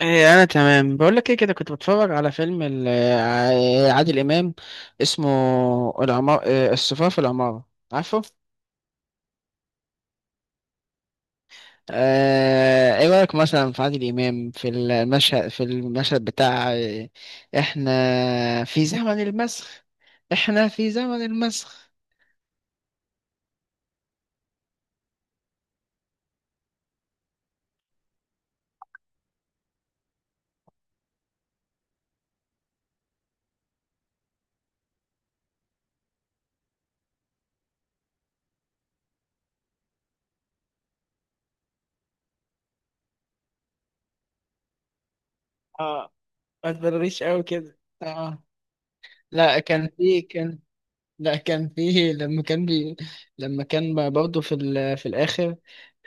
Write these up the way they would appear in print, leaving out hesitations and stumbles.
إيه انا تمام بقول لك ايه كده كنت بتفرج على فيلم عادل امام اسمه العمار إيه، الصفار في العمارة عارفه. ايه رايك مثلا في عادل امام في المشهد بتاع إيه، احنا في زمن المسخ. احنا في زمن المسخ اه، ما تبرريش قوي كده. اه، لا كان في كان لا كان فيه لما كان بي لما كان برضه في في الآخر.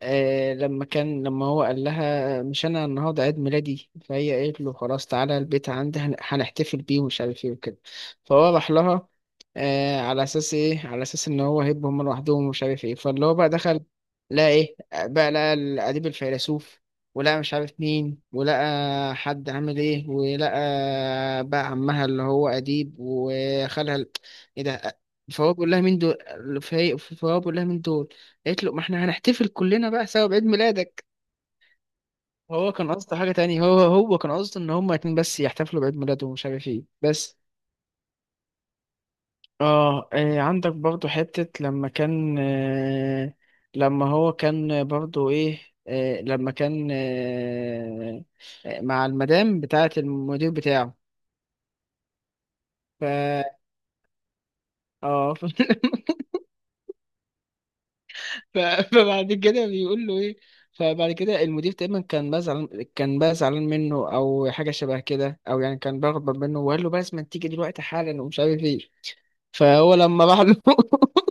آه، لما هو قال لها مش أنا النهاردة عيد ميلادي، فهي قالت له خلاص تعالى البيت عندي هنحتفل بيه ومش عارف إيه وكده. فهو راح لها آه على أساس إن هو هيبقى هما لوحدهم ومش عارف إيه، فاللي هو بقى دخل لقى إيه، بقى لقى الأديب الفيلسوف، ولقى مش عارف مين، ولقى حد عامل إيه، ولقى بقى عمها اللي هو أديب وخالها ايه ده. فهو بيقول لها مين دول، فهو بيقول لها مين دول. قالت له ما احنا هنحتفل كلنا بقى سوا بعيد ميلادك. هو كان قصده حاجة تانية، هو كان قصده ان هما اتنين بس يحتفلوا بعيد ميلاده ومش عارف ايه بس. اه، عندك برضو حتة لما كان آه لما هو كان برضو ايه آه لما كان آه آه، مع المدام بتاعة المدير بتاعه. ف اه ف- فبعد كده بيقول له ايه. فبعد كده المدير تقريبا كان بقى زعلان، كان بقى زعلان منه او حاجه شبه كده، او يعني كان بغضب منه، وقال له بس لازم تيجي دلوقتي حالا ومش عارف ايه. فهو لما راح له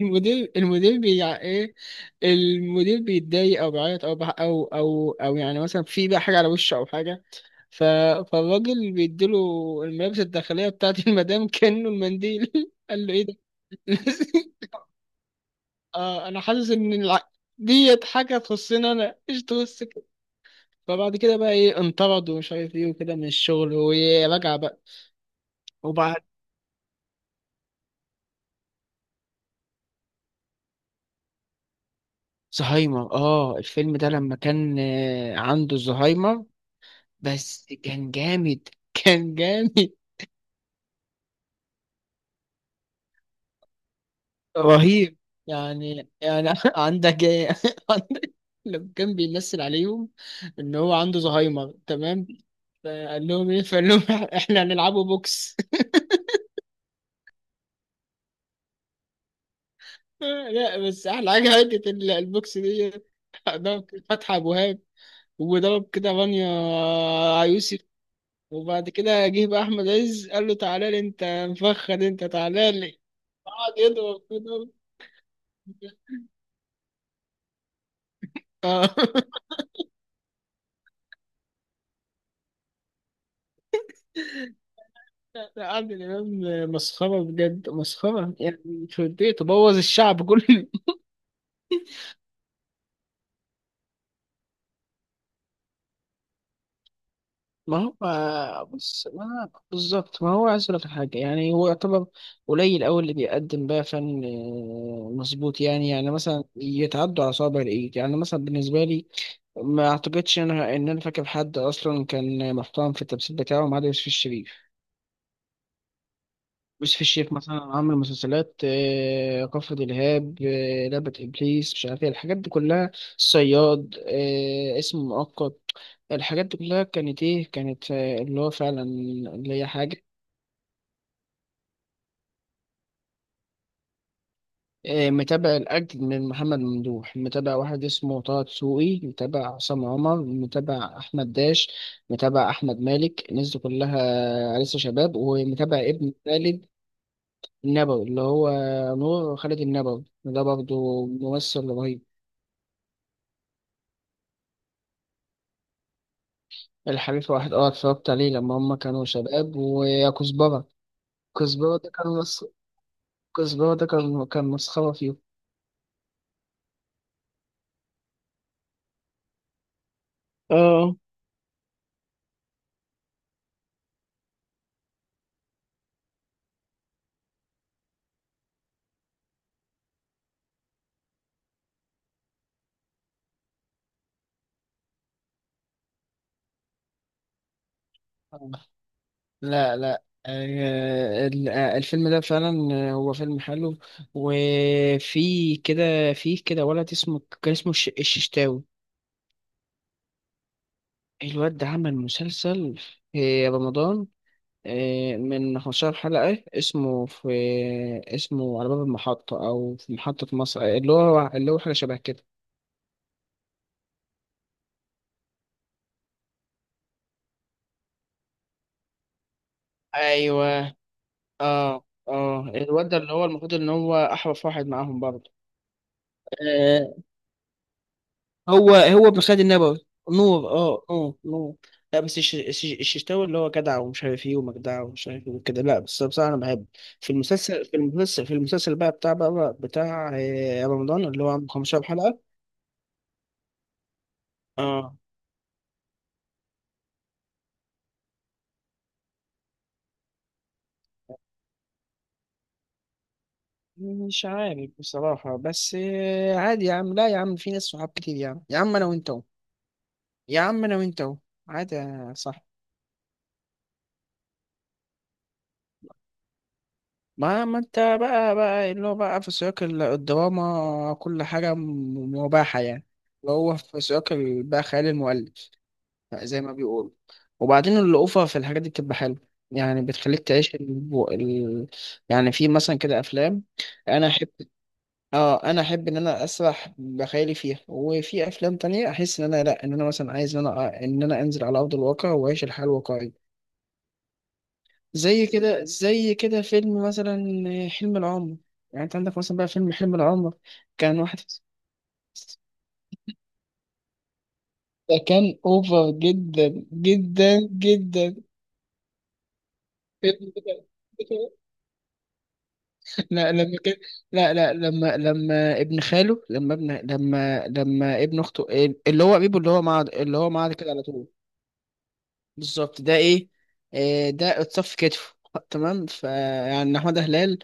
المدير بيع ايه المدير بيتضايق او بيعيط او بح- او او او يعني مثلا في بقى حاجه على وشه او حاجه. ف... فالراجل بيديله الملابس الداخليه بتاعت المدام كانه المنديل. قال له ايه ده، آه انا حاسس ان ديت حاجه تخصني انا ايش تخص كده. فبعد كده بقى ايه، انطرد ومش عارف ايه وكده من الشغل، ورجع بقى. وبعد زهايمر، اه الفيلم ده لما كان آه، عنده زهايمر، بس كان جامد، كان جامد. رهيب يعني. يعني عندك ايه، عندك لما كان بيمثل عليهم ان هو عنده زهايمر تمام. فقال لهم ايه، فقال لهم احنا هنلعبوا بوكس. لا بس احلى حاجه حته البوكس دي. ضرب فتحي ابو وهاب، وضرب كده رانيا يوسف، وبعد كده جه بقى احمد عز قال له تعالى لي انت مفخد انت تعالى لي، قعد يضرب كده. اه، لا، لا، عادل امام مسخره بجد، مسخره يعني، مش وديه تبوظ الشعب كله. ما هو بص ما بالظبط ما هو، عايز أقولك حاجة يعني هو يعتبر قليل أوي اللي بيقدم بقى فن مظبوط، يعني يعني مثلا يتعدوا على صوابع الإيد يعني مثلا بالنسبة لي. ما أعتقدش إن أنا إن أنا فاكر حد أصلا كان محترم في التمثيل بتاعه ما عدا يوسف الشريف. يوسف الشيخ مثلا عامل مسلسلات كفر دلهاب، لعبة إبليس، مش عارف إيه الحاجات دي كلها. الصياد، اسم مؤقت، الحاجات دي كلها كانت إيه، كانت اللي هو فعلا اللي هي حاجة. متابع الأجد من محمد ممدوح، متابع واحد اسمه طه دسوقي، متابع عصام عمر، متابع أحمد داش، متابع أحمد مالك، الناس دي كلها لسه شباب، ومتابع ابن خالد النبوي اللي هو نور خالد النبوي. ده برضه ممثل رهيب. الحريف واحد، اه اتفرجت عليه لما هما كانوا شباب، ويا كزبرة. كزبرة ده كان مس... كزبرة ده كان مسخرة فيه. اه. آه. لا لا، الفيلم ده فعلا هو فيلم حلو. وفي كده، في كده ولد اسمه كان اسمه الششتاوي. الواد ده عمل مسلسل في رمضان من 15 حلقة، اسمه على باب المحطة أو في محطة مصر، اللي هو اللي هو حاجة شبه كده. ايوه، اه اه. الواد ده اللي هو المفروض ان هو احرف واحد معاهم برضه. آه، هو بن خالد النبوي. نور، اه نور نور. لا بس الششتاوي اللي هو جدع ومش عارف ايه ومجدع ومش عارف ايه وكده. لا بس بصراحه انا بحب في المسلسل، بقى بتاع رمضان اللي هو عنده 15 حلقه. اه، مش عارف بصراحه بس عادي يا عم، لا يا عم في ناس صحاب كتير يا عم، يا عم انا وانت أهو. يا عم انا وانت أهو. عادي يا صاحبي. ما انت بقى، اللي هو بقى في سياق الدراما كل حاجة مباحة يعني. وهو في سياق بقى خيال المؤلف زي ما بيقولوا. وبعدين الأوفر في الحاجات دي بتبقى حلوة، يعني بتخليك تعيش يعني في مثلا كده أفلام أنا أحب. اه، أنا أحب إن أنا أسرح بخيالي فيها، وفي أفلام تانية أحس إن أنا لأ، إن أنا مثلا عايز إن أنا إن أنا أنزل على أرض الواقع وأعيش الحياة الواقعية. زي كده، زي كده فيلم مثلا حلم العمر. يعني انت عندك مثلا بقى فيلم حلم العمر. كان واحد، ده كان اوفر جدا جدا جدا. فيلم كده- لا لما كان، لا لا لما لما ابن خاله، لما ابن لما لما ابن اخته اللي هو قريبه، اللي هو معاه، كده على طول. بالظبط ده ايه، ده اتصف كتفه تمام. فيعني محمد هلال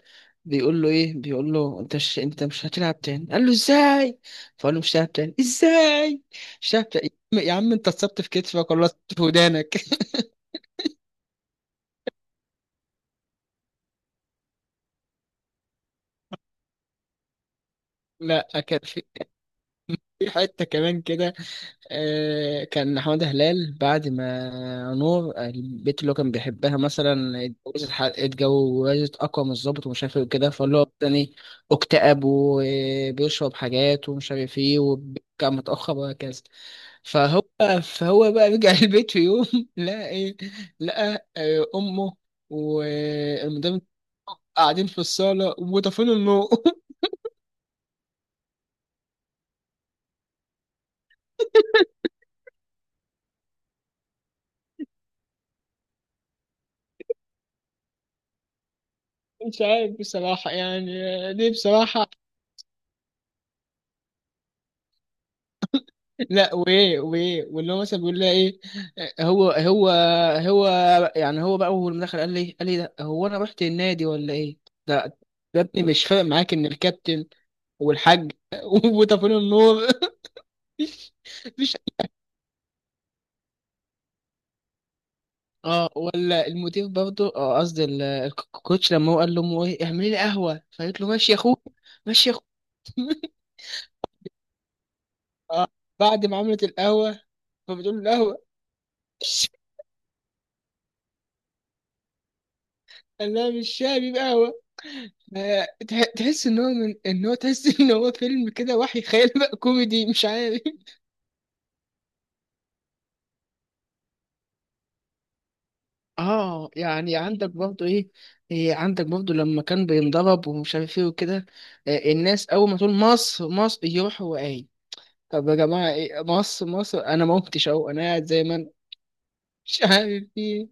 بيقول له ايه، بيقول له انت مش انت مش هتلعب تاني، قال له ازاي. فقال له مش هلعب تاني ازاي، مش هلعب تاني يا عم، يا عم انت اتصبت في كتفك ولا اتصبت في ودانك. لا كان في، في حته كمان كده، كان حمادة هلال بعد ما نور البنت اللي هو كان بيحبها مثلا اتجوزت، اتجوزت أقوى من الظابط ومش عارف ايه وكده، فاللي هو تاني اكتئب وبيشرب حاجات ومش عارف ايه، وكان متأخر وهكذا. فهو، فهو بقى رجع البيت في يوم لقى ايه، لقى أمه والمدام قاعدين في الصالة وطافين النور. مش عارف بصراحة يعني، دي بصراحة. لا وايه، واللي هو مثلا بيقول لها ايه. هو هو هو يعني هو بقى اول ما دخل قال لي ده هو انا رحت النادي ولا ايه. ده ده ابني مش فارق معاك ان الكابتن والحاج وطفل النور. مش مش اه ولا المدير برضه، اه قصدي الكوتش لما هو قال لامه ايه اعملي لي قهوه، فقالت له ماشي يا اخويا، ماشي يا اخويا. اه، بعد ما عملت القهوه فبتقول له القهوه، قال لها مش شاي، بيبقى قهوه. تحس ان هو، من ان هو تحس ان هو فيلم كده وحي خيال بقى كوميدي مش عارف. اه يعني عندك برضو ايه، إيه عندك برضو لما كان بينضرب ومش عارف ايه وكده. الناس اول ما تقول مصر مصر يروح هو قايل طب يا جماعه ايه مصر مصر، انا ما قمتش اهو، انا قاعد زي ما انا، مش عارف ايه.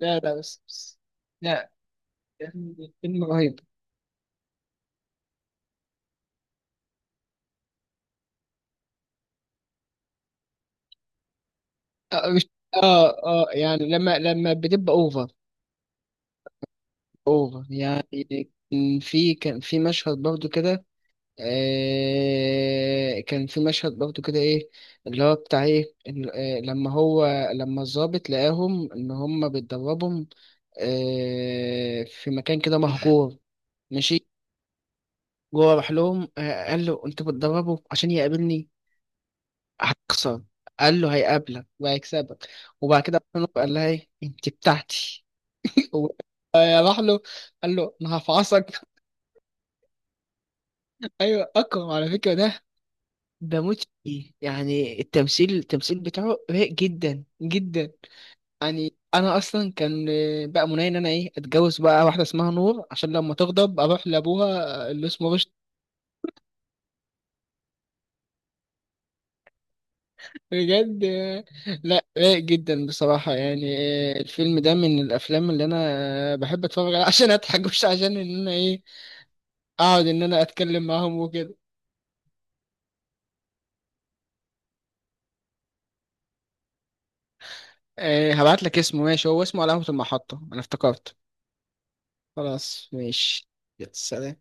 لا لا بس, بس لا يعني فيلم رهيب. اه مش، اه اه يعني لما بتبقى اوفر. اوفر يعني. كان في، كان في مشهد برضو كده، آه كان في مشهد برضو كده ايه، اللي هو بتاع ايه لما الضابط لقاهم ان هم بيتدربهم آه في مكان كده مهجور. ماشي، جوه راح لهم آه قال له انت بتدربه عشان يقابلني، هتخسر، قال له هيقابلك وهيكسبك. وبعد كده قال لها ايه، انت بتاعتي، وراح له قال له انا هفعصك. ايوه اكرم على فكره ده بموت فيه يعني، التمثيل بتاعه رايق جدا جدا. يعني انا اصلا كان بقى مناي ان انا ايه، اتجوز بقى واحده اسمها نور عشان لما تغضب اروح لابوها اللي اسمه رشدي. بجد، لا رايق جدا بصراحه يعني. الفيلم ده من الافلام اللي انا بحب اتفرج عليها عشان اضحك مش عشان ان انا ايه اقعد ان انا اتكلم معاهم وكده. هبعت لك اسمه، ماشي، هو اسمه علامه المحطه انا افتكرت. خلاص ماشي. يلا، سلام.